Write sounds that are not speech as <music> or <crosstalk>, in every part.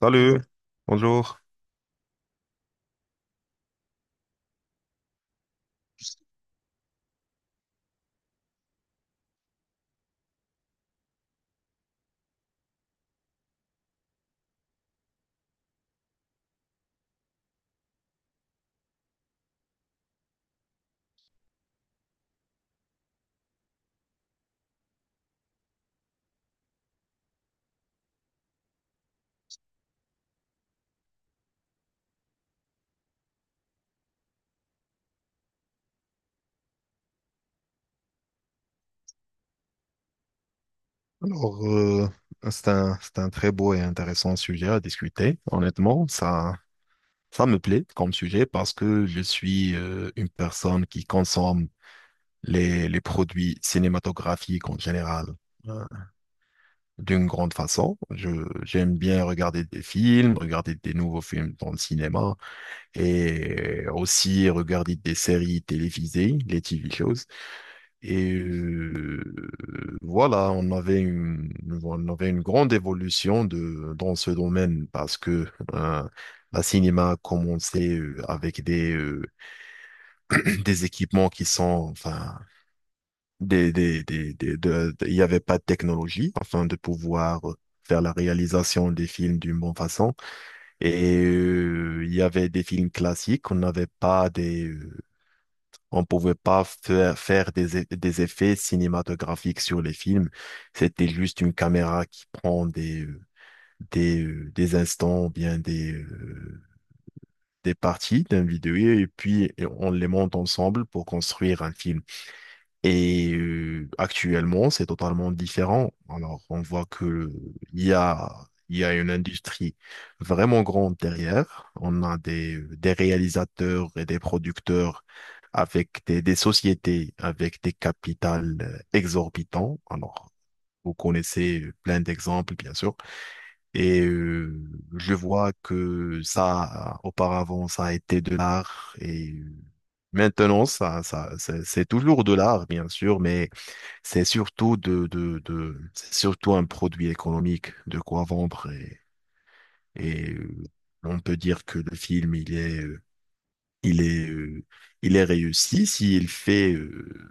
Salut, bonjour. Alors, c'est un très beau et intéressant sujet à discuter. Honnêtement, ça me plaît comme sujet parce que je suis une personne qui consomme les produits cinématographiques en général euh, d'une grande façon. J'aime bien regarder des films, regarder des nouveaux films dans le cinéma et aussi regarder des séries télévisées, les TV shows. Et voilà, on avait une grande évolution dans ce domaine parce que euh, la cinéma a commencé avec <clears throat> des équipements qui sont, enfin, il n'y avait pas de technologie afin de pouvoir faire la réalisation des films d'une bonne façon. Et il y avait des films classiques, on n'avait pas des on pouvait pas faire des effets cinématographiques sur les films. C'était juste une caméra qui prend des instants, ou bien des parties d'un vidéo et puis on les monte ensemble pour construire un film. Et actuellement, c'est totalement différent. Alors, on voit que il y a, il y a une industrie vraiment grande derrière. On a des réalisateurs et des producteurs avec des sociétés, avec des capitales exorbitants. Alors, vous connaissez plein d'exemples, bien sûr. Et je vois que ça, auparavant, ça a été de l'art et, maintenant, ça c'est toujours de l'art, bien sûr, mais c'est surtout c'est surtout un produit économique de quoi vendre et on peut dire que le film, il est, euh, il est réussi s'il fait, euh,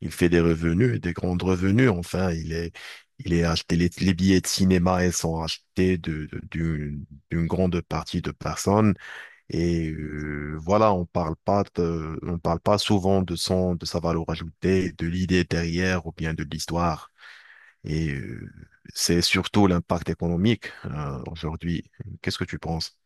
il fait des revenus, des grands revenus. Enfin, il est acheté, les billets de cinéma, ils sont achetés d'une grande partie de personnes et voilà, on parle pas souvent de son, de sa valeur ajoutée, de l'idée derrière ou bien de l'histoire. Et c'est surtout l'impact économique aujourd'hui. Qu'est-ce que tu penses?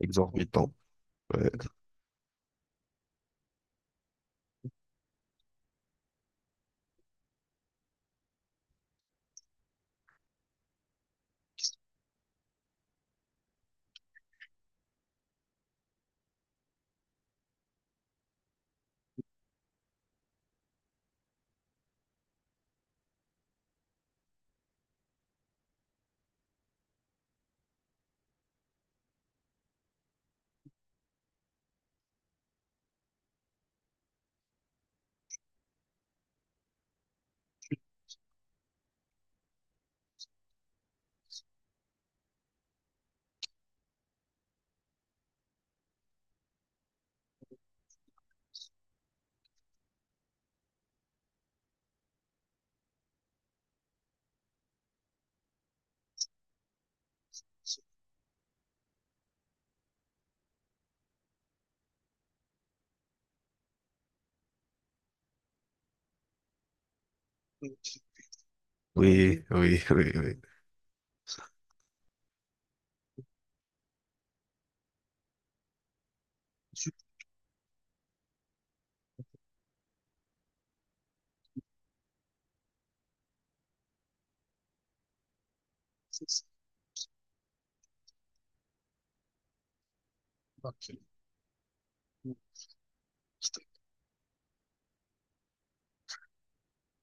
Exorbitant. Ouais. Oui, oui, oui, oui.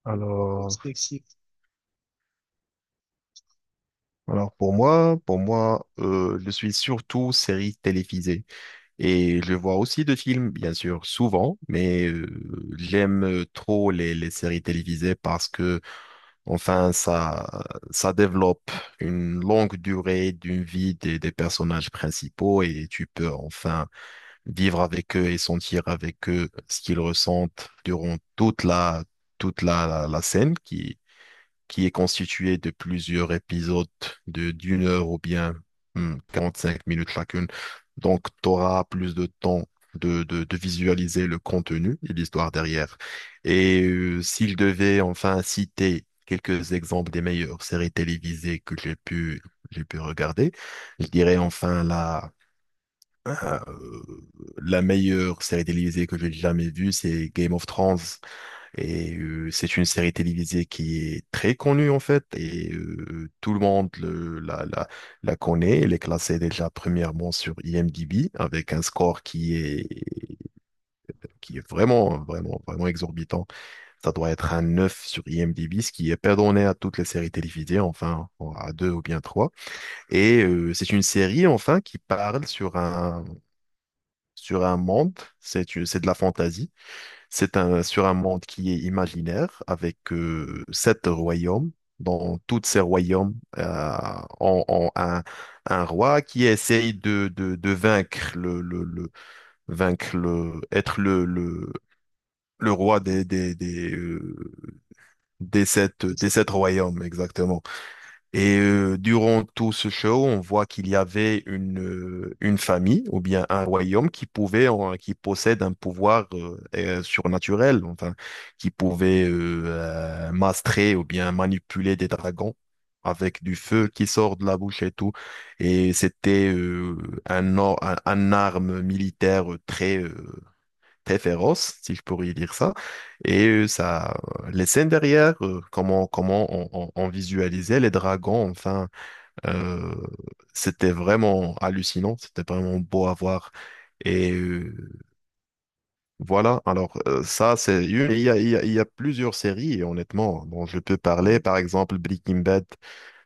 Alors, alors, pour moi, je suis surtout série télévisée et je vois aussi de films, bien sûr, souvent, mais j'aime trop les séries télévisées parce que, enfin, ça développe une longue durée d'une vie des personnages principaux et tu peux enfin vivre avec eux et sentir avec eux ce qu'ils ressentent durant toute la scène qui est constituée de plusieurs épisodes de d'une heure ou bien hmm, 5 minutes chacune. Donc, tu auras plus de temps de visualiser le contenu et l'histoire derrière. Et s'il devait enfin citer quelques exemples des meilleures séries télévisées que j'ai pu regarder, je dirais enfin euh, la meilleure série télévisée que j'ai jamais vue, c'est Game of Thrones. Et c'est une série télévisée qui est très connue en fait. Et tout le monde la connaît. Elle est classée déjà premièrement sur IMDb avec un score qui est vraiment, vraiment, vraiment exorbitant. Ça doit être un 9 sur IMDb, ce qui est pas donné à toutes les séries télévisées, enfin à deux ou bien trois. Et c'est une série enfin qui parle sur un monde, c'est de la fantaisie, sur un monde qui est imaginaire avec sept royaumes. Dans tous ces royaumes, ont un roi qui essaye de vaincre vaincre le, être le roi des sept royaumes, exactement. Et durant tout ce show, on voit qu'il y avait une famille ou bien un royaume qui possède un pouvoir surnaturel, enfin, qui pouvait mastrer ou bien manipuler des dragons avec du feu qui sort de la bouche et tout. Et c'était un arme militaire très féroce, si je pourrais dire ça. Et les scènes derrière, comment on visualisait les dragons, enfin, euh, c'était vraiment hallucinant, c'était vraiment beau à voir. Et voilà, alors il y a, il y a- il y a plusieurs séries, et honnêtement, dont je peux parler, par exemple Breaking Bad,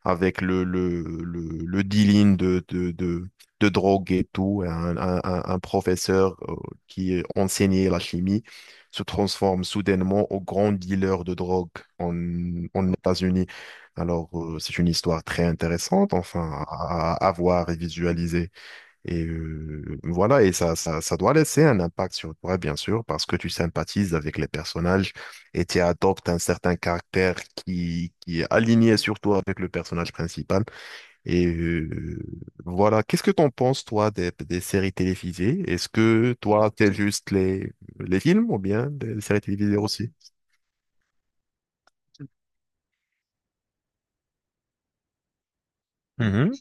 avec le dealing de drogue et tout. Professeur qui enseignait la chimie se transforme soudainement au grand dealer de drogue en, États-Unis. Alors, c'est une histoire très intéressante, enfin, à voir et visualiser. Et voilà, et ça doit laisser un impact sur toi, bien sûr, parce que tu sympathises avec les personnages et tu adoptes un certain caractère qui est aligné surtout avec le personnage principal. Et voilà, qu'est-ce que t'en penses, toi, des séries télévisées? Est-ce que toi, t'es juste les films ou bien des séries télévisées aussi? Mhm,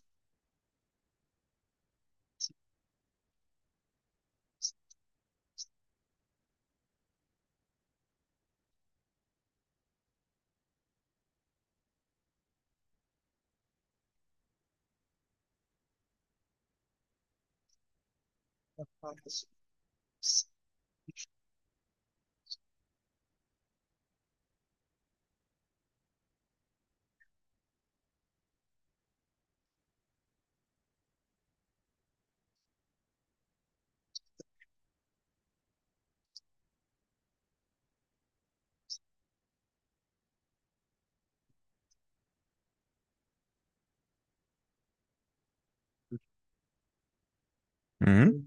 mhm.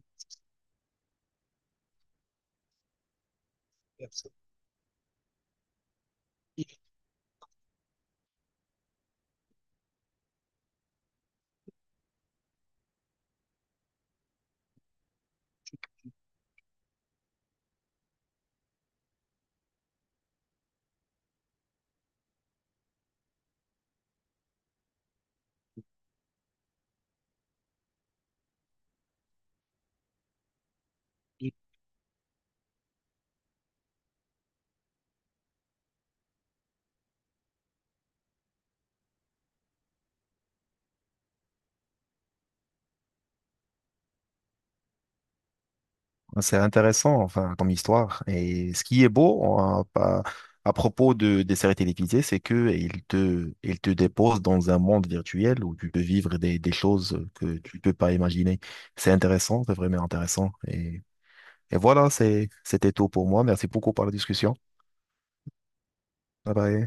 C'est intéressant, enfin, comme histoire. Et ce qui est beau hein, à propos des séries télévisées, c'est que ils te déposent dans un monde virtuel où tu peux vivre des choses que tu peux pas imaginer. C'est intéressant, c'est vraiment intéressant. Et voilà, c'était tout pour moi. Merci beaucoup pour la discussion. Bye bye.